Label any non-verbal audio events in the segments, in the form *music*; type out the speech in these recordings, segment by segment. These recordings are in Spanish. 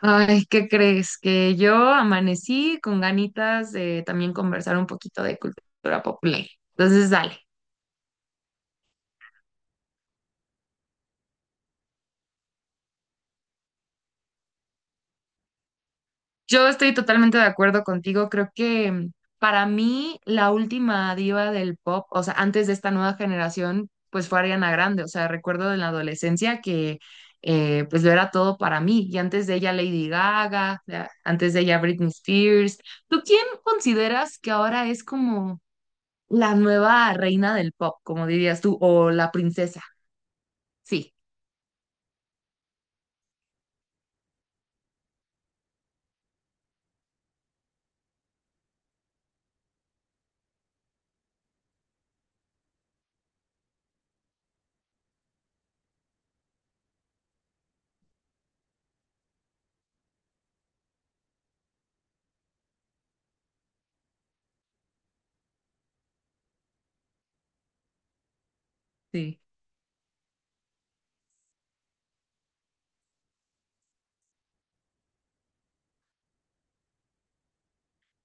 Ay, ¿qué crees? Que yo amanecí con ganitas de también conversar un poquito de cultura popular. Entonces, dale. Yo estoy totalmente de acuerdo contigo. Creo que para mí la última diva del pop, o sea, antes de esta nueva generación, pues fue Ariana Grande. O sea, recuerdo en la adolescencia que pues lo era todo para mí. Y antes de ella Lady Gaga, ya, antes de ella Britney Spears. ¿Tú quién consideras que ahora es como ...la nueva reina del pop, como dirías tú, o la princesa? Sí, sí.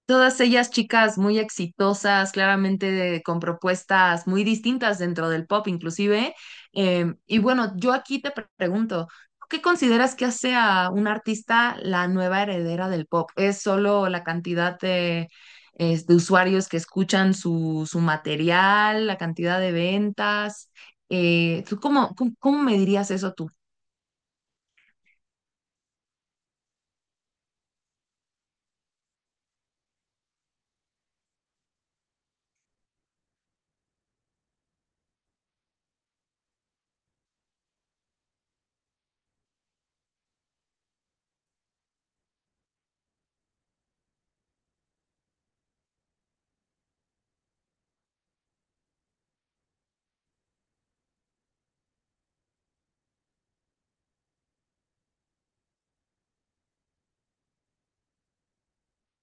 Todas ellas chicas muy exitosas, claramente con propuestas muy distintas dentro del pop inclusive. Y bueno, yo aquí te pregunto, ¿tú ¿qué consideras que hace a un artista la nueva heredera del pop? ¿Es solo la cantidad de usuarios que escuchan su material, la cantidad de ventas? ¿Tú cómo me dirías eso tú?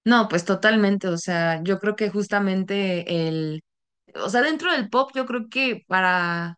No, pues totalmente, o sea, yo creo que justamente el, o sea, dentro del pop yo creo que para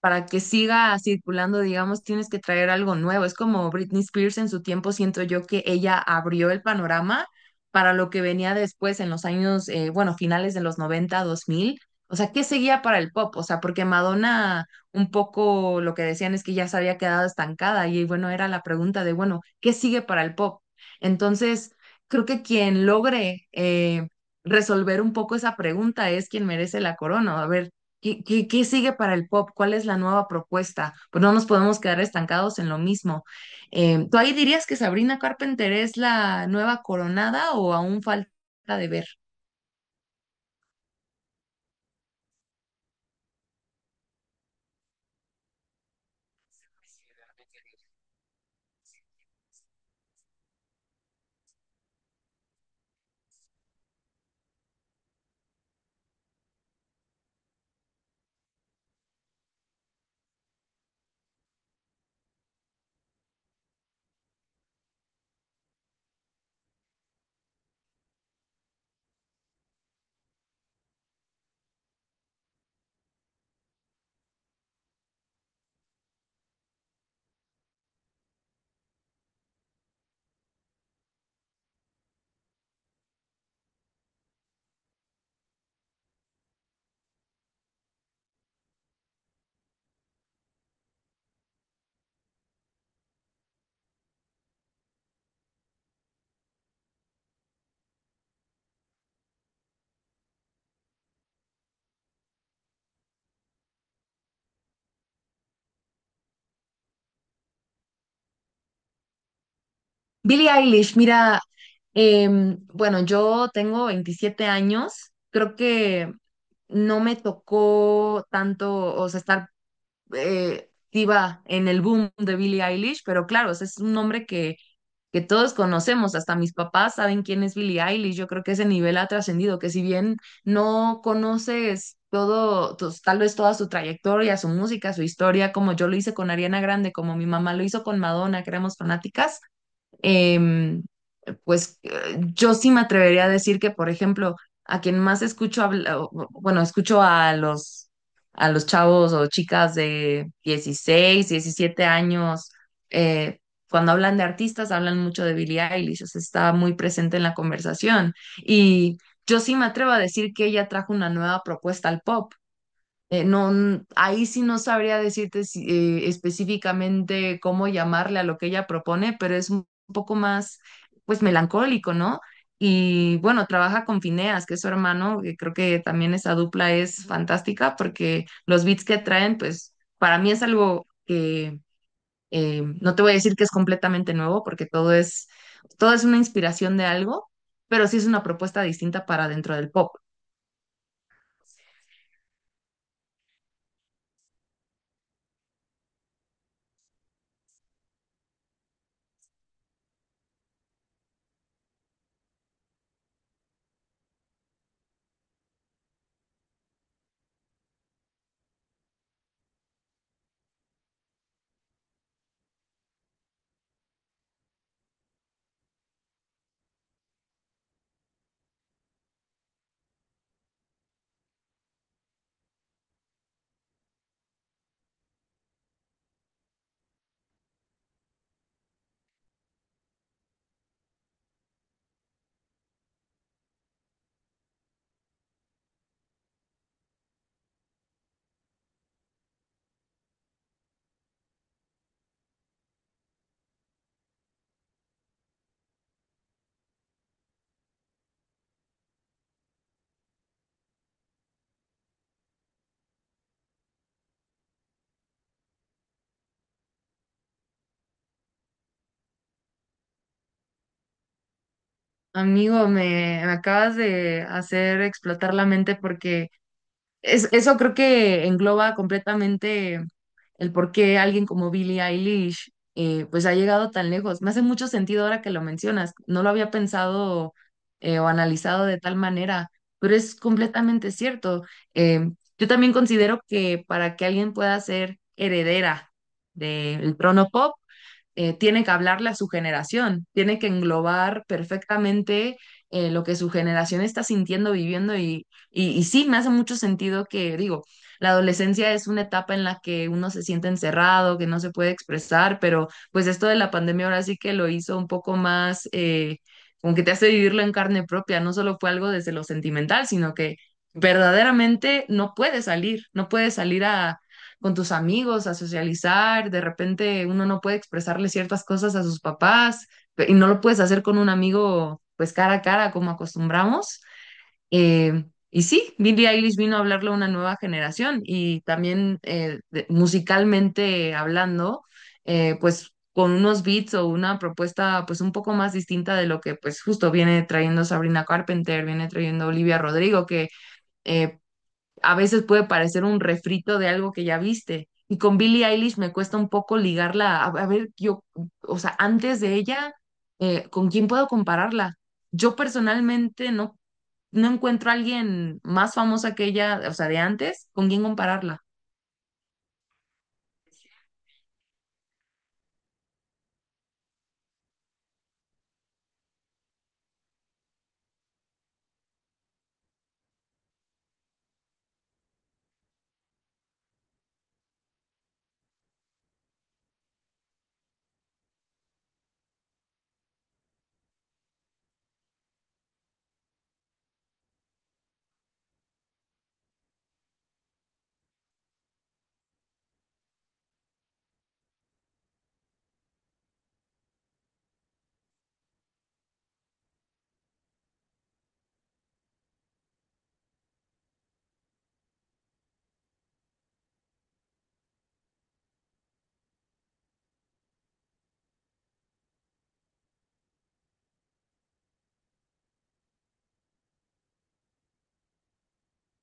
para que siga circulando, digamos, tienes que traer algo nuevo. Es como Britney Spears en su tiempo, siento yo que ella abrió el panorama para lo que venía después en los años, bueno, finales de los 90 2000. O sea, ¿qué seguía para el pop? O sea, porque Madonna, un poco lo que decían es que ya se había quedado estancada y bueno, era la pregunta de, bueno, ¿qué sigue para el pop? Entonces, creo que quien logre resolver un poco esa pregunta es quien merece la corona. A ver, ¿qué sigue para el pop? ¿Cuál es la nueva propuesta? Pues no nos podemos quedar estancados en lo mismo. ¿Tú ahí dirías que Sabrina Carpenter es la nueva coronada o aún falta de ver? Billie Eilish, mira, bueno, yo tengo 27 años, creo que no me tocó tanto, o sea, estar activa en el boom de Billie Eilish, pero claro, o sea, es un nombre que todos conocemos, hasta mis papás saben quién es Billie Eilish. Yo creo que ese nivel ha trascendido, que si bien no conoces todo, tal vez toda su trayectoria, su música, su historia, como yo lo hice con Ariana Grande, como mi mamá lo hizo con Madonna, que éramos fanáticas. Em, pues, yo sí me atrevería a decir que, por ejemplo, a quien más escucho bueno, escucho a los chavos o chicas de 16 17 años, eh, cuando hablan de artistas, hablan mucho de Billie Eilish. O sea, está muy presente en la conversación. Y yo sí me atrevo a decir que ella trajo una nueva propuesta al pop. No, ahí sí no sabría decirte específicamente cómo llamarle a lo que ella propone, pero es un poco más, pues, melancólico, ¿no? Y bueno, trabaja con Fineas, que es su hermano, que creo que también esa dupla es fantástica porque los beats que traen, pues, para mí es algo que no te voy a decir que es completamente nuevo, porque todo es una inspiración de algo, pero sí es una propuesta distinta para dentro del pop. Amigo, me acabas de hacer explotar la mente porque eso creo que engloba completamente el por qué alguien como Billie Eilish pues ha llegado tan lejos. Me hace mucho sentido ahora que lo mencionas. No lo había pensado o analizado de tal manera, pero es completamente cierto. Eh, yo también considero que para que alguien pueda ser heredera del trono pop, tiene que hablarle a su generación, tiene que englobar perfectamente lo que su generación está sintiendo, viviendo y sí, me hace mucho sentido que digo, la adolescencia es una etapa en la que uno se siente encerrado, que no se puede expresar, pero pues esto de la pandemia ahora sí que lo hizo un poco más, como que te hace vivirlo en carne propia, no solo fue algo desde lo sentimental, sino que verdaderamente no puedes salir, no puedes salir a con tus amigos, a socializar. De repente uno no puede expresarle ciertas cosas a sus papás y no lo puedes hacer con un amigo pues cara a cara como acostumbramos. Eh, y sí, Billie Eilish vino a hablarle a una nueva generación y también musicalmente hablando, pues con unos beats o una propuesta pues un poco más distinta de lo que pues justo viene trayendo Sabrina Carpenter, viene trayendo Olivia Rodrigo, que eh, a veces puede parecer un refrito de algo que ya viste. Y con Billie Eilish me cuesta un poco ligarla, a ver, yo, o sea, antes de ella, ¿con quién puedo compararla? Yo personalmente no encuentro a alguien más famosa que ella, o sea, de antes, con quién compararla.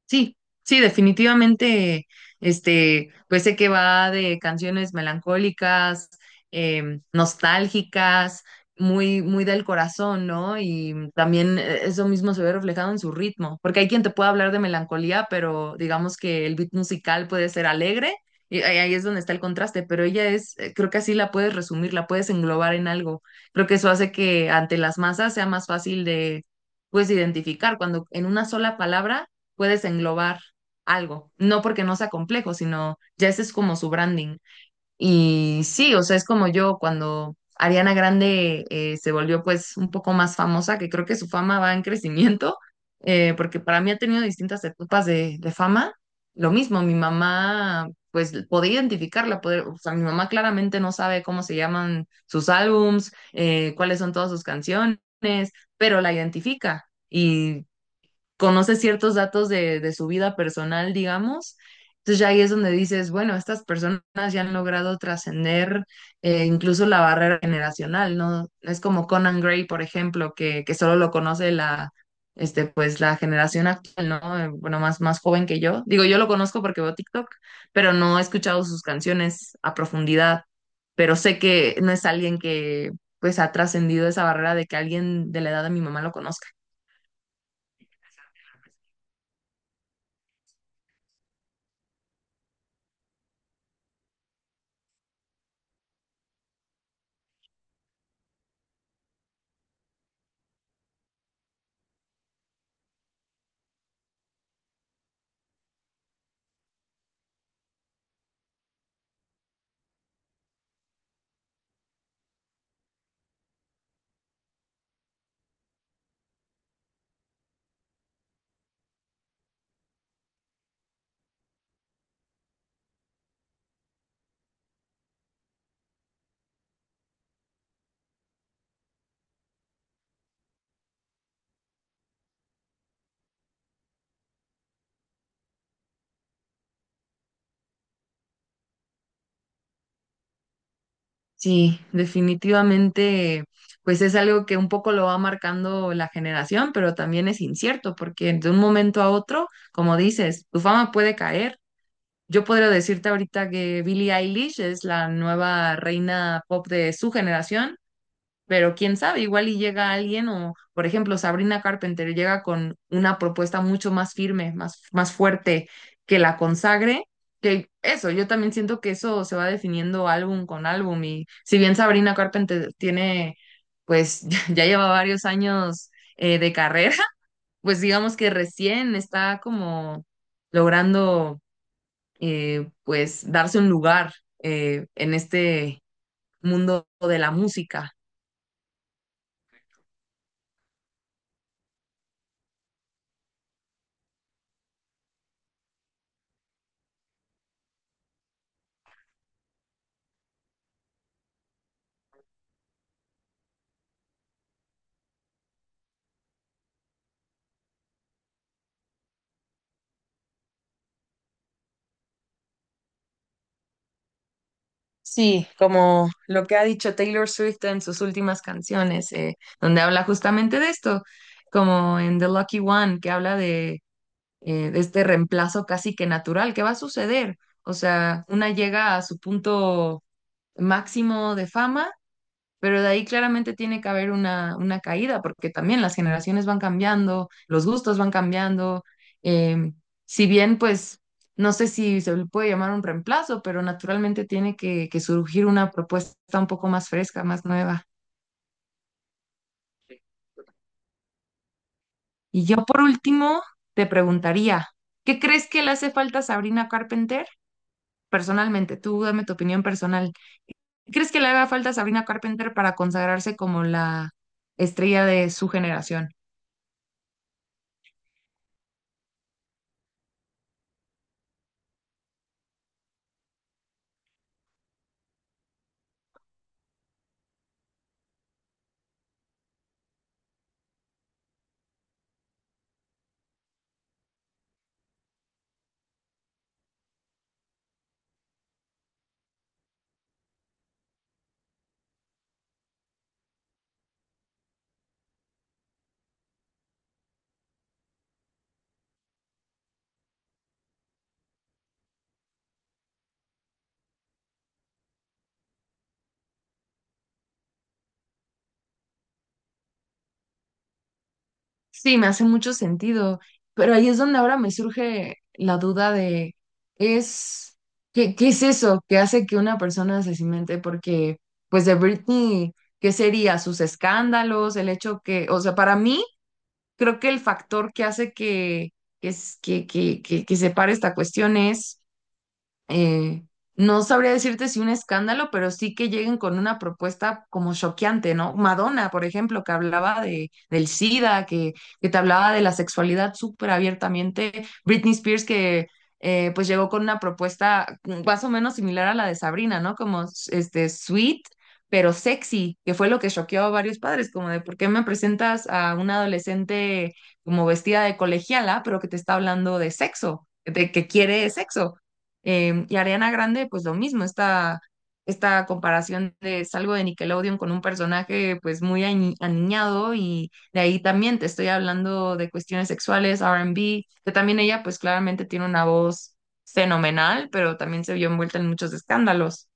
Sí, sí, definitivamente, este, pues sé que va de canciones melancólicas, nostálgicas, muy, muy del corazón, ¿no? Y también eso mismo se ve reflejado en su ritmo, porque hay quien te puede hablar de melancolía, pero digamos que el beat musical puede ser alegre, y ahí es donde está el contraste, pero ella creo que así la puedes resumir, la puedes englobar en algo. Creo que eso hace que ante las masas sea más fácil de, pues, identificar cuando en una sola palabra puedes englobar algo, no porque no sea complejo, sino ya ese es como su branding. Y sí, o sea, es como yo cuando Ariana Grande se volvió pues un poco más famosa, que creo que su fama va en crecimiento, *laughs* porque para mí ha tenido distintas etapas de fama. Lo mismo, mi mamá pues podía identificarla, poder, o sea, mi mamá claramente no sabe cómo se llaman sus álbums, cuáles son todas sus canciones, pero la identifica. Y conoce ciertos datos de su vida personal, digamos. Entonces ya ahí es donde dices, bueno, estas personas ya han logrado trascender incluso la barrera generacional, ¿no? Es como Conan Gray, por ejemplo, que solo lo conoce la generación actual, ¿no? Bueno, más, más joven que yo. Digo, yo lo conozco porque veo TikTok, pero no he escuchado sus canciones a profundidad, pero sé que no es alguien que, pues, ha trascendido esa barrera de que alguien de la edad de mi mamá lo conozca. Sí, definitivamente, pues es algo que un poco lo va marcando la generación, pero también es incierto, porque de un momento a otro, como dices, tu fama puede caer. Yo podría decirte ahorita que Billie Eilish es la nueva reina pop de su generación, pero quién sabe, igual y llega alguien o, por ejemplo, Sabrina Carpenter llega con una propuesta mucho más firme, más, más fuerte que la consagre, que eso, yo también siento que eso se va definiendo álbum con álbum. Y si bien Sabrina Carpenter tiene, pues *laughs* ya lleva varios años de carrera, *laughs* pues digamos que recién está como logrando, pues, darse un lugar en este mundo de la música. Sí, como lo que ha dicho Taylor Swift en sus últimas canciones, donde habla justamente de esto, como en The Lucky One, que habla de este reemplazo casi que natural que va a suceder. O sea, una llega a su punto máximo de fama, pero de ahí claramente tiene que haber una caída, porque también las generaciones van cambiando, los gustos van cambiando. eh, si bien, pues, no sé si se le puede llamar un reemplazo, pero naturalmente tiene que surgir una propuesta un poco más fresca, más nueva. Y yo, por último, te preguntaría, ¿qué crees que le hace falta a Sabrina Carpenter? Personalmente, tú dame tu opinión personal. ¿Crees que le haga falta a Sabrina Carpenter para consagrarse como la estrella de su generación? Sí, me hace mucho sentido, pero ahí es donde ahora me surge la duda de, es, ¿qué es eso que hace que una persona se cimente? Porque, pues de Britney, ¿qué sería? ¿Sus escándalos? El hecho que, o sea, para mí, creo que el factor que hace que, es- que separe esta cuestión es eh, no sabría decirte si un escándalo, pero sí que lleguen con una propuesta como choqueante, ¿no? Madonna, por ejemplo, que hablaba del SIDA, que te hablaba de la sexualidad súper abiertamente. Britney Spears, que pues llegó con una propuesta más o menos similar a la de Sabrina, ¿no? Como este sweet, pero sexy, que fue lo que choqueó a varios padres, como de por qué me presentas a una adolescente como vestida de colegiala, pero que te está hablando de sexo, de que quiere sexo. Y Ariana Grande, pues lo mismo, esta comparación de salgo de Nickelodeon con un personaje pues muy aniñado y de ahí también te estoy hablando de cuestiones sexuales, R&B. Que también ella pues claramente tiene una voz fenomenal, pero también se vio envuelta en muchos escándalos.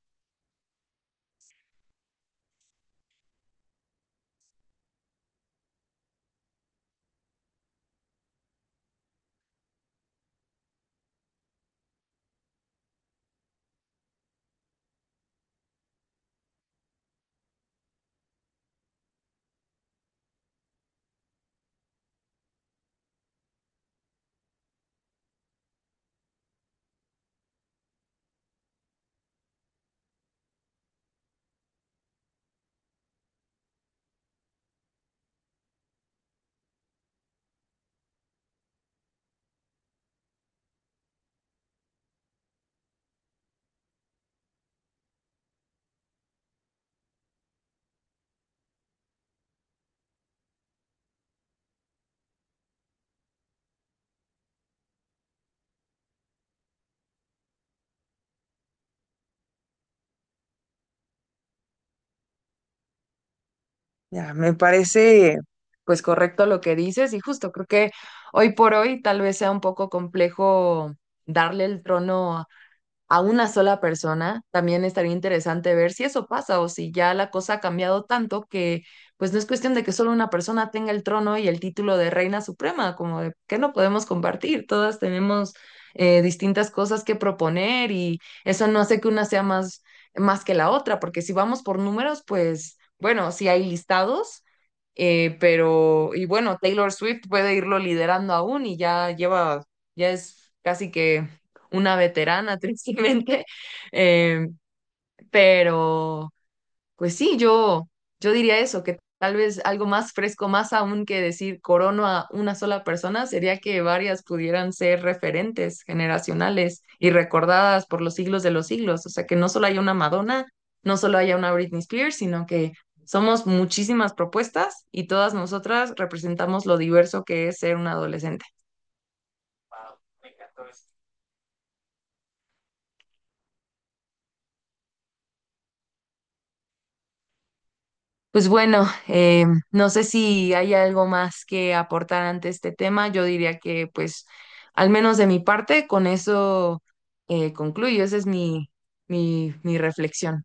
Ya, me parece pues correcto lo que dices y justo creo que hoy por hoy tal vez sea un poco complejo darle el trono a una sola persona. También estaría interesante ver si eso pasa o si ya la cosa ha cambiado tanto que pues no es cuestión de que solo una persona tenga el trono y el título de reina suprema, como de que no podemos compartir, todas tenemos distintas cosas que proponer y eso no hace que una sea más que la otra, porque si vamos por números, pues bueno, si hay listados. Pero, y bueno, Taylor Swift puede irlo liderando aún y ya es casi que una veterana, *laughs* tristemente, eh, pero pues sí, yo diría eso, que tal vez algo más fresco, más aún que decir corono a una sola persona, sería que varias pudieran ser referentes generacionales y recordadas por los siglos de los siglos. O sea, que no solo haya una Madonna, no solo haya una Britney Spears, sino que... somos muchísimas propuestas y todas nosotras representamos lo diverso que es ser un adolescente. Pues bueno, no sé si hay algo más que aportar ante este tema. Yo diría que, pues, al menos de mi parte, con eso concluyo. Esa es mi reflexión.